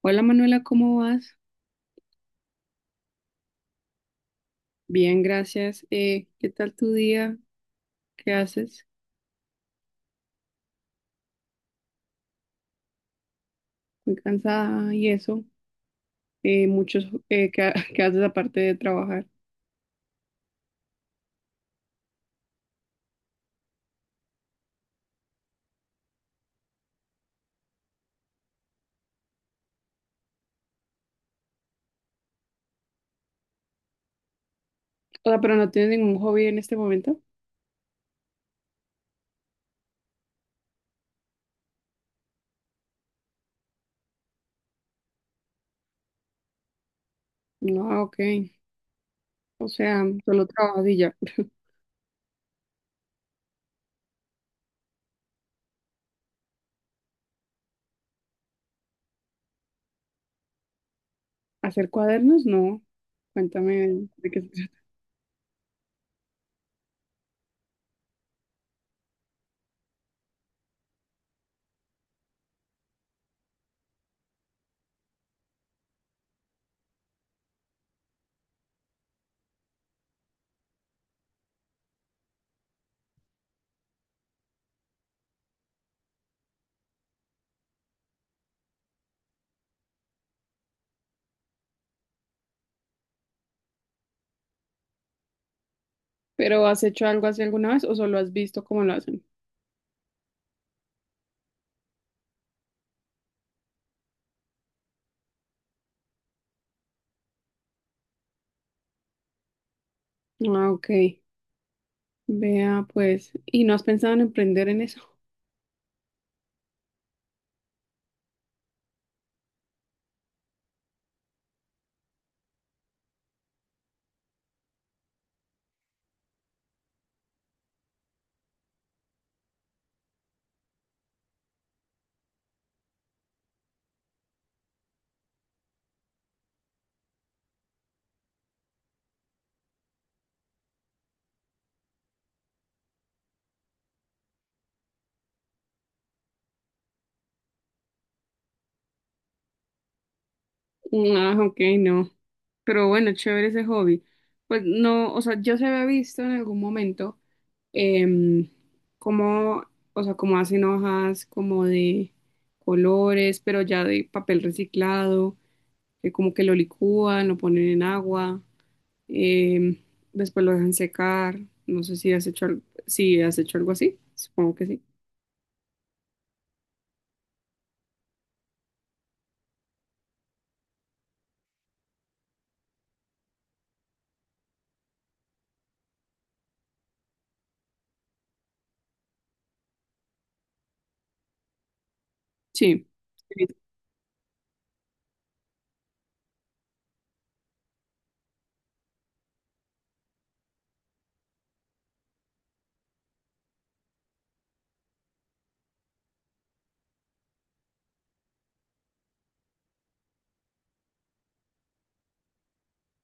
Hola Manuela, ¿cómo vas? Bien, gracias. ¿Qué tal tu día? ¿Qué haces? Muy cansada y eso. ¿Qué, qué haces aparte de trabajar? O sea, pero no tienes ningún hobby en este momento. No, ah, ok. O sea, solo trabajas y ya. ¿Hacer cuadernos? No. Cuéntame de qué se trata. ¿Pero has hecho algo así alguna vez o solo has visto cómo lo hacen? Ah, ok. Vea, pues. ¿Y no has pensado en emprender en eso? Ah, ok, no. Pero bueno, chévere ese hobby. Pues no, o sea, yo se había visto en algún momento, em, como, o sea, como hacen hojas como de colores, pero ya de papel reciclado, que como que lo licúan, lo ponen en agua, em, después lo dejan secar. No sé si has hecho, si has hecho algo así. Supongo que sí. Sí.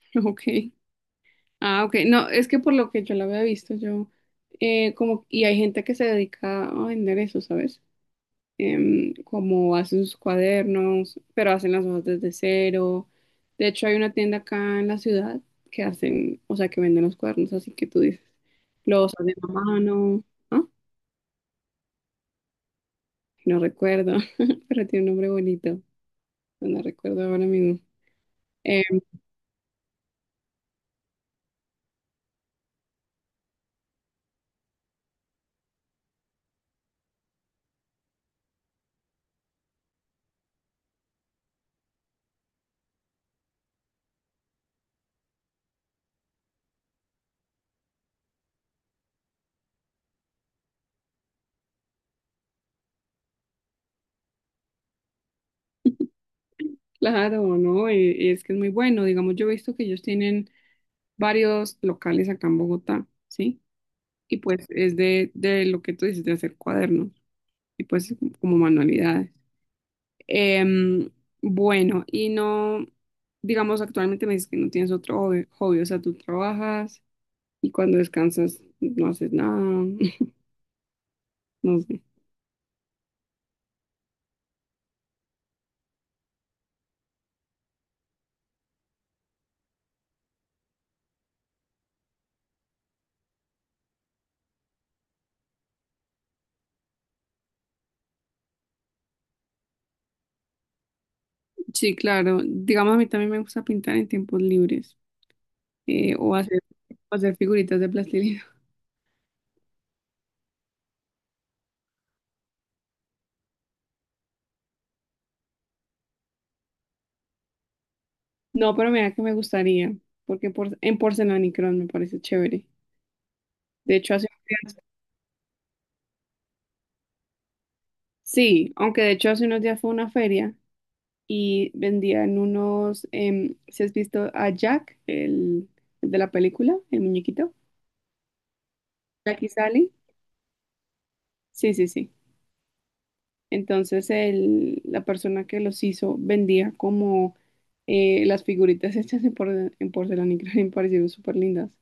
Ok. Ah, ok. No, es que por lo que yo la había visto, yo, como, y hay gente que se dedica a vender eso, ¿sabes? Em, como hacen sus cuadernos, pero hacen las hojas desde cero. De hecho, hay una tienda acá en la ciudad que hacen, o sea, que venden los cuadernos, así que tú dices, los hacen a mano, ¿ah? No recuerdo, pero tiene un nombre bonito, no recuerdo ahora mismo. Em, claro, ¿no? Y es que es muy bueno. Digamos, yo he visto que ellos tienen varios locales acá en Bogotá, ¿sí? Y pues es de lo que tú dices, de hacer cuadernos y pues como manualidades. Em, bueno, y no, digamos, actualmente me dices que no tienes otro hobby, o sea, tú trabajas y cuando descansas no haces nada, no sé. Sí, claro, digamos, a mí también me gusta pintar en tiempos libres, eh, o hacer, o hacer figuritas de plastilina. No, pero mira que me gustaría, porque por, en porcelanicrón me parece chévere. De hecho, hace unos días, sí, aunque de hecho hace unos días fue una feria y vendían unos, si has visto a Jack, el de la película, el muñequito, Jack y Sally, sí, sí, sí. Entonces la persona que los hizo vendía como las figuritas hechas en, en porcelana y creo me parecieron súper lindas.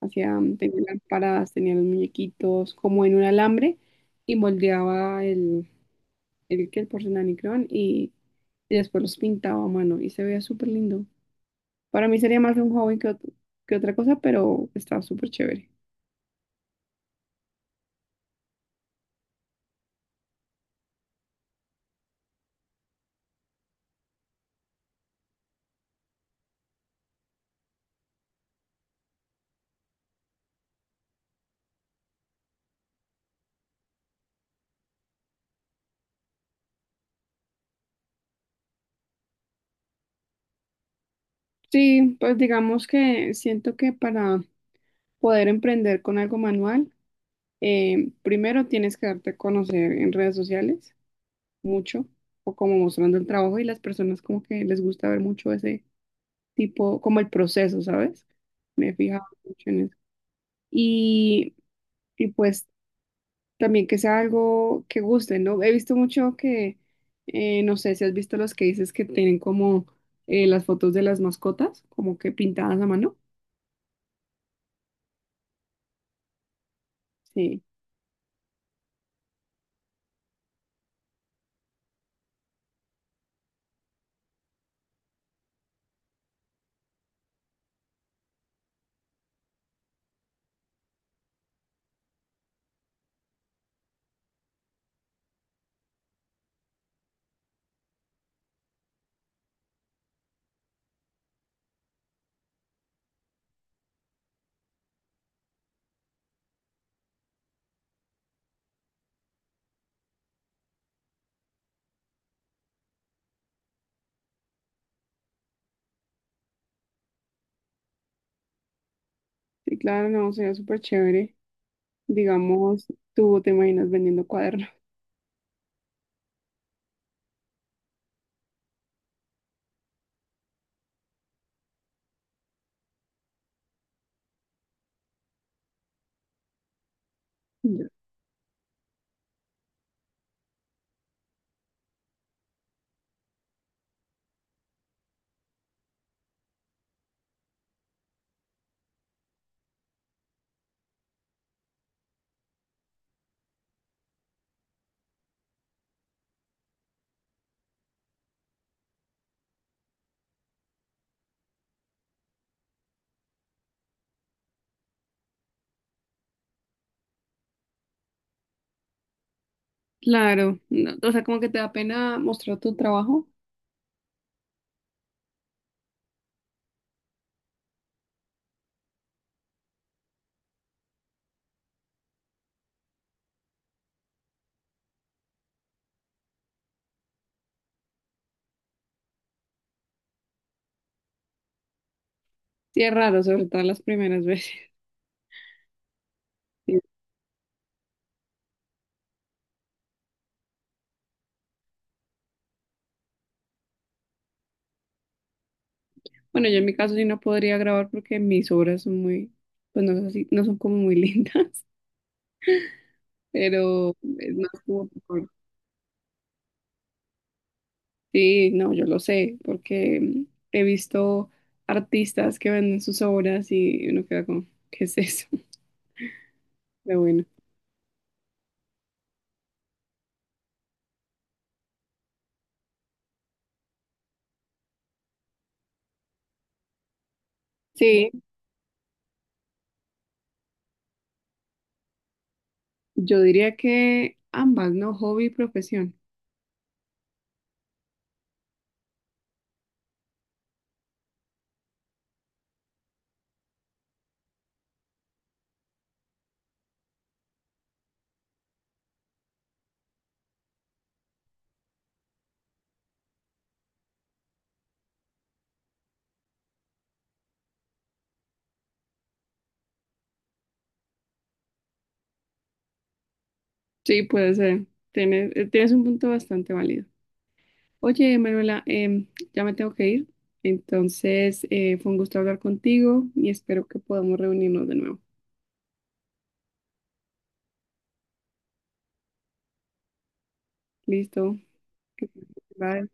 Hacían, tenían lámparas, tenían los muñequitos como en un alambre y moldeaba el porcelanicrón y después los pintaba a mano y se veía súper lindo. Para mí sería más un hobby que otra cosa, pero está súper chévere. Sí, pues digamos que siento que para poder emprender con algo manual, primero tienes que darte a conocer en redes sociales mucho, o como mostrando el trabajo y las personas como que les gusta ver mucho ese tipo, como el proceso, ¿sabes? Me he fijado mucho en eso. Y, y pues también que sea algo que guste, ¿no? He visto mucho que, no sé si has visto los que dices que tienen como las fotos de las mascotas, como que pintadas a mano. Sí, sí, claro, no, sería súper chévere. Digamos, tú te imaginas vendiendo cuadernos. Ya. Claro, no, o sea, como que te da pena mostrar tu trabajo. Sí, es raro, sobre todo las primeras veces. Sí. Bueno, yo en mi caso sí no podría grabar porque mis obras son muy, pues no, sé si- no son como muy lindas, pero es más como... Sí, no, yo lo sé, porque he visto artistas que venden sus obras y uno queda como, ¿qué es eso? Pero bueno. Sí, yo diría que ambas, ¿no? Hobby y profesión. Sí, puede ser. Tienes, tienes un punto bastante válido. Oye, Manuela, ya me tengo que ir. Entonces, fue un gusto hablar contigo y espero que podamos reunirnos de nuevo. Listo. Que- Bye.